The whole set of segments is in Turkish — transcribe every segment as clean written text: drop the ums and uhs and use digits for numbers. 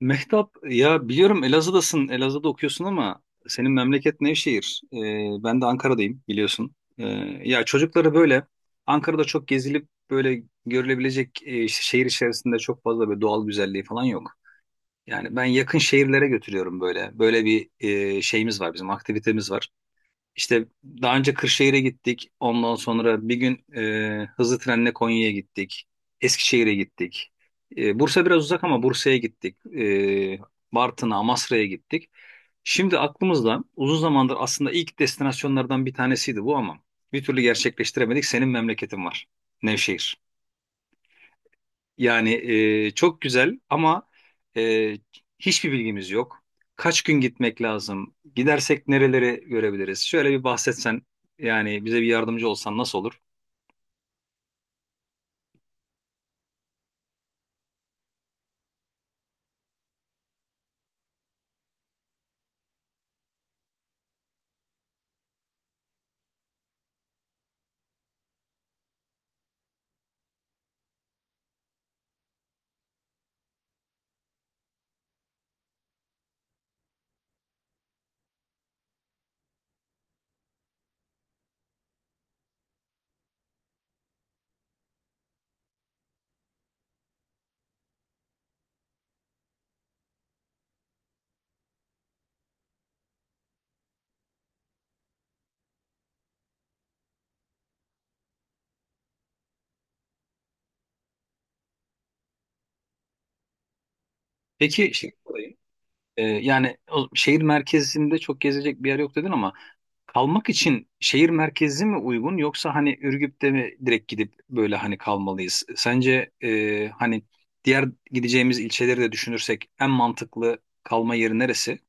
Mehtap ya biliyorum Elazığ'dasın, Elazığ'da okuyorsun ama senin memleket Nevşehir. Ben de Ankara'dayım biliyorsun. Ya çocukları böyle Ankara'da çok gezilip böyle görülebilecek işte şehir içerisinde çok fazla böyle doğal güzelliği falan yok. Yani ben yakın şehirlere götürüyorum böyle. Böyle bir şeyimiz var, bizim aktivitemiz var. İşte daha önce Kırşehir'e gittik. Ondan sonra bir gün hızlı trenle Konya'ya gittik. Eskişehir'e gittik. Bursa biraz uzak ama Bursa'ya gittik. Bartın'a, Amasra'ya gittik. Şimdi aklımızda uzun zamandır aslında ilk destinasyonlardan bir tanesiydi bu ama bir türlü gerçekleştiremedik. Senin memleketin var. Nevşehir. Yani çok güzel ama e, hiçbir bilgimiz yok. Kaç gün gitmek lazım? Gidersek nereleri görebiliriz? Şöyle bir bahsetsen yani bize bir yardımcı olsan nasıl olur? Peki şey sorayım. Yani o, şehir merkezinde çok gezecek bir yer yok dedin ama kalmak için şehir merkezi mi uygun, yoksa hani Ürgüp'te mi direkt gidip böyle hani kalmalıyız? Sence hani diğer gideceğimiz ilçeleri de düşünürsek en mantıklı kalma yeri neresi?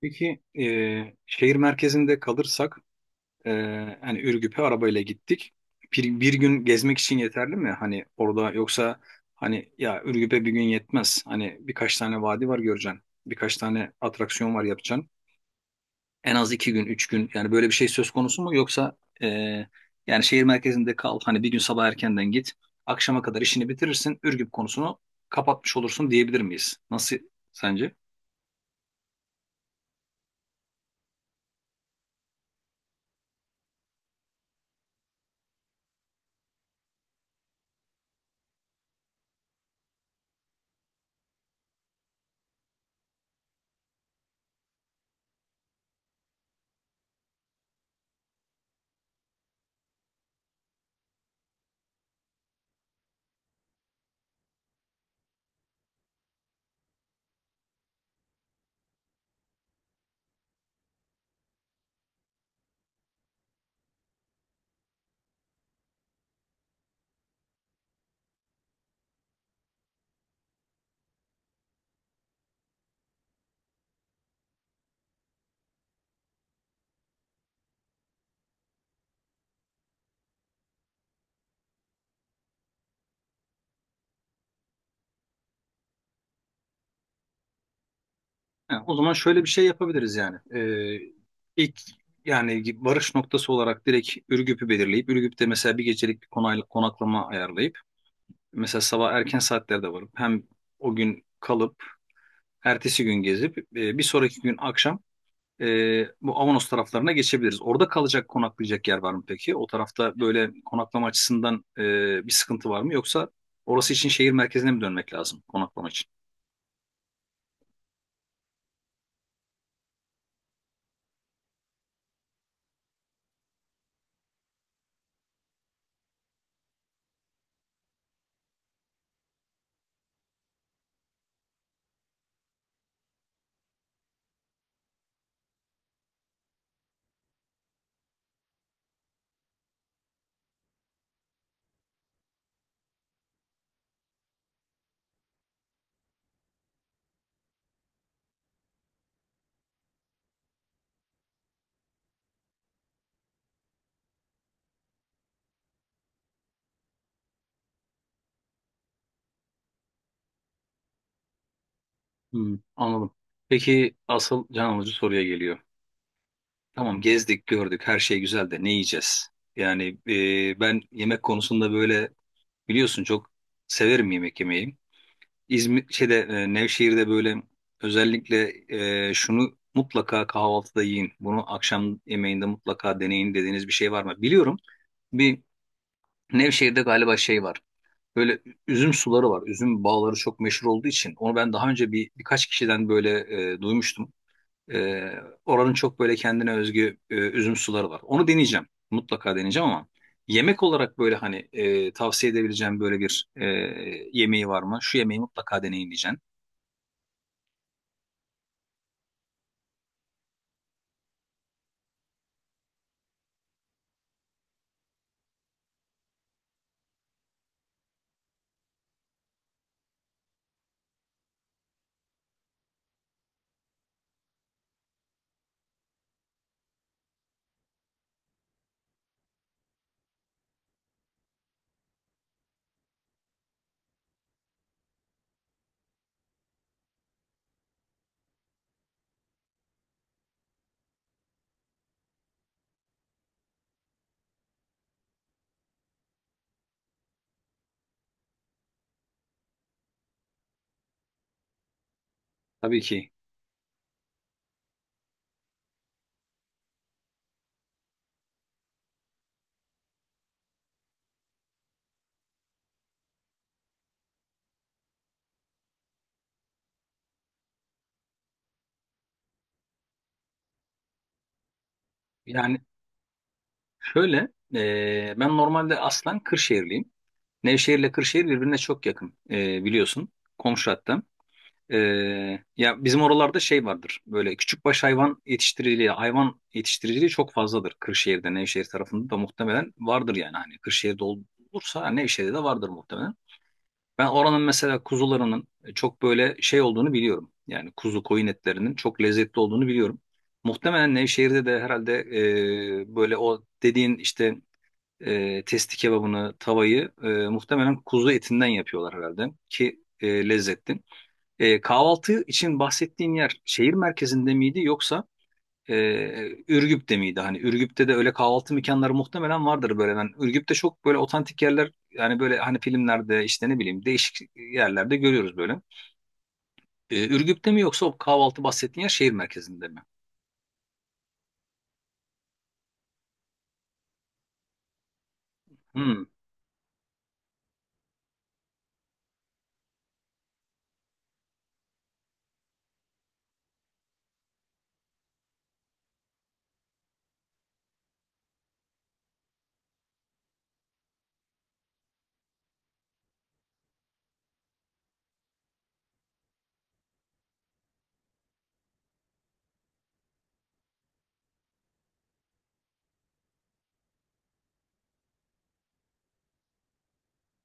Peki şehir merkezinde kalırsak e, hani Ürgüp'e arabayla gittik. Bir gün gezmek için yeterli mi? Hani orada, yoksa hani ya Ürgüp'e bir gün yetmez. Hani birkaç tane vadi var, göreceksin. Birkaç tane atraksiyon var, yapacaksın. En az 2 gün, 3 gün, yani böyle bir şey söz konusu mu? Yoksa yani şehir merkezinde kal. Hani bir gün sabah erkenden git. Akşama kadar işini bitirirsin. Ürgüp konusunu kapatmış olursun diyebilir miyiz? Nasıl sence? Ha, o zaman şöyle bir şey yapabiliriz yani. İlk yani varış noktası olarak direkt Ürgüp'ü belirleyip Ürgüp'te mesela bir gecelik bir konaklama ayarlayıp mesela sabah erken saatlerde varıp hem o gün kalıp ertesi gün gezip bir sonraki gün akşam e, bu Avanos taraflarına geçebiliriz. Orada kalacak konaklayacak yer var mı peki? O tarafta böyle konaklama açısından bir sıkıntı var mı? Yoksa orası için şehir merkezine mi dönmek lazım konaklama için? Hmm, anladım. Peki asıl can alıcı soruya geliyor. Tamam, gezdik gördük her şey güzel de ne yiyeceğiz? Yani ben yemek konusunda böyle biliyorsun çok severim yemek yemeyi. İzmir şeyde Nevşehir'de böyle özellikle şunu mutlaka kahvaltıda yiyin. Bunu akşam yemeğinde mutlaka deneyin dediğiniz bir şey var mı? Biliyorum, bir Nevşehir'de galiba şey var. Böyle üzüm suları var. Üzüm bağları çok meşhur olduğu için onu ben daha önce birkaç kişiden böyle duymuştum. Ee, Oranın çok böyle kendine özgü üzüm suları var. Onu deneyeceğim. Mutlaka deneyeceğim ama yemek olarak böyle hani tavsiye edebileceğim böyle bir yemeği var mı? Şu yemeği mutlaka deneyin diyeceğim. Tabii ki. Yani şöyle ben normalde aslen Kırşehirliyim. Nevşehir ile Kırşehir birbirine çok yakın biliyorsun. Komşu hatta. Ya bizim oralarda şey vardır. Böyle küçükbaş hayvan yetiştiriciliği, hayvan yetiştiriciliği çok fazladır. Kırşehir'de, Nevşehir tarafında da muhtemelen vardır yani. Hani Kırşehir'de olursa Nevşehir'de de vardır muhtemelen. Ben oranın mesela kuzularının çok böyle şey olduğunu biliyorum. Yani kuzu koyun etlerinin çok lezzetli olduğunu biliyorum. Muhtemelen Nevşehir'de de herhalde böyle o dediğin işte testi kebabını, tavayı muhtemelen kuzu etinden yapıyorlar herhalde ki lezzetli. Kahvaltı için bahsettiğin yer şehir merkezinde miydi, yoksa e, Ürgüp'te miydi? Hani Ürgüp'te de öyle kahvaltı mekanları muhtemelen vardır böyle. Ben Ürgüp'te çok böyle otantik yerler, yani böyle hani filmlerde işte ne bileyim değişik yerlerde görüyoruz böyle. Ürgüp'te mi, yoksa o kahvaltı bahsettiğin yer şehir merkezinde mi? Hmm.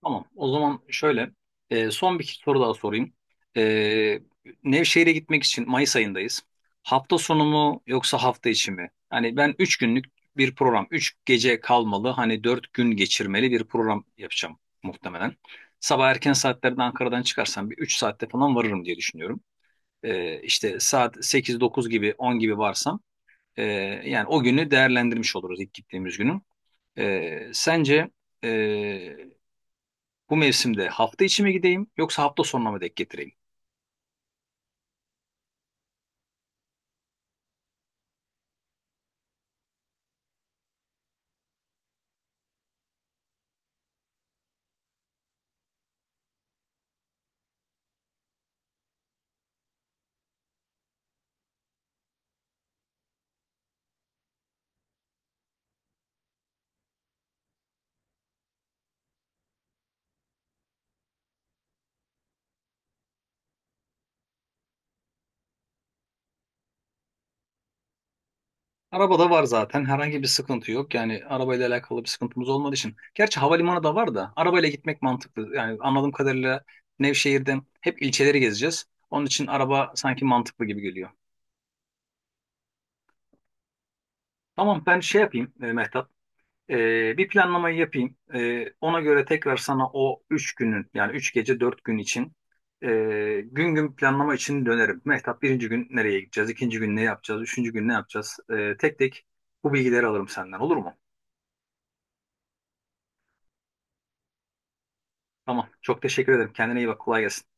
Tamam. O zaman şöyle son bir soru daha sorayım. E, Nevşehir'e gitmek için Mayıs ayındayız. Hafta sonu mu, yoksa hafta içi mi? Hani ben 3 günlük bir program, 3 gece kalmalı, hani 4 gün geçirmeli bir program yapacağım muhtemelen. Sabah erken saatlerde Ankara'dan çıkarsam bir 3 saatte falan varırım diye düşünüyorum. İşte saat sekiz dokuz gibi 10 gibi varsam e, yani o günü değerlendirmiş oluruz, ilk gittiğimiz günü. Sence e, bu mevsimde hafta içi mi gideyim, yoksa hafta sonuna mı denk getireyim? Arabada var zaten, herhangi bir sıkıntı yok. Yani arabayla alakalı bir sıkıntımız olmadığı için. Gerçi havalimanı da var da arabayla gitmek mantıklı. Yani anladığım kadarıyla Nevşehir'den hep ilçeleri gezeceğiz. Onun için araba sanki mantıklı gibi geliyor. Tamam, ben şey yapayım Mehtap. Bir planlamayı yapayım. Ona göre tekrar sana o 3 günün yani 3 gece 4 gün için e, gün gün planlama için dönerim. Mehtap, birinci gün nereye gideceğiz? İkinci gün ne yapacağız? Üçüncü gün ne yapacağız? Tek tek bu bilgileri alırım senden, olur mu? Tamam. Çok teşekkür ederim. Kendine iyi bak. Kolay gelsin.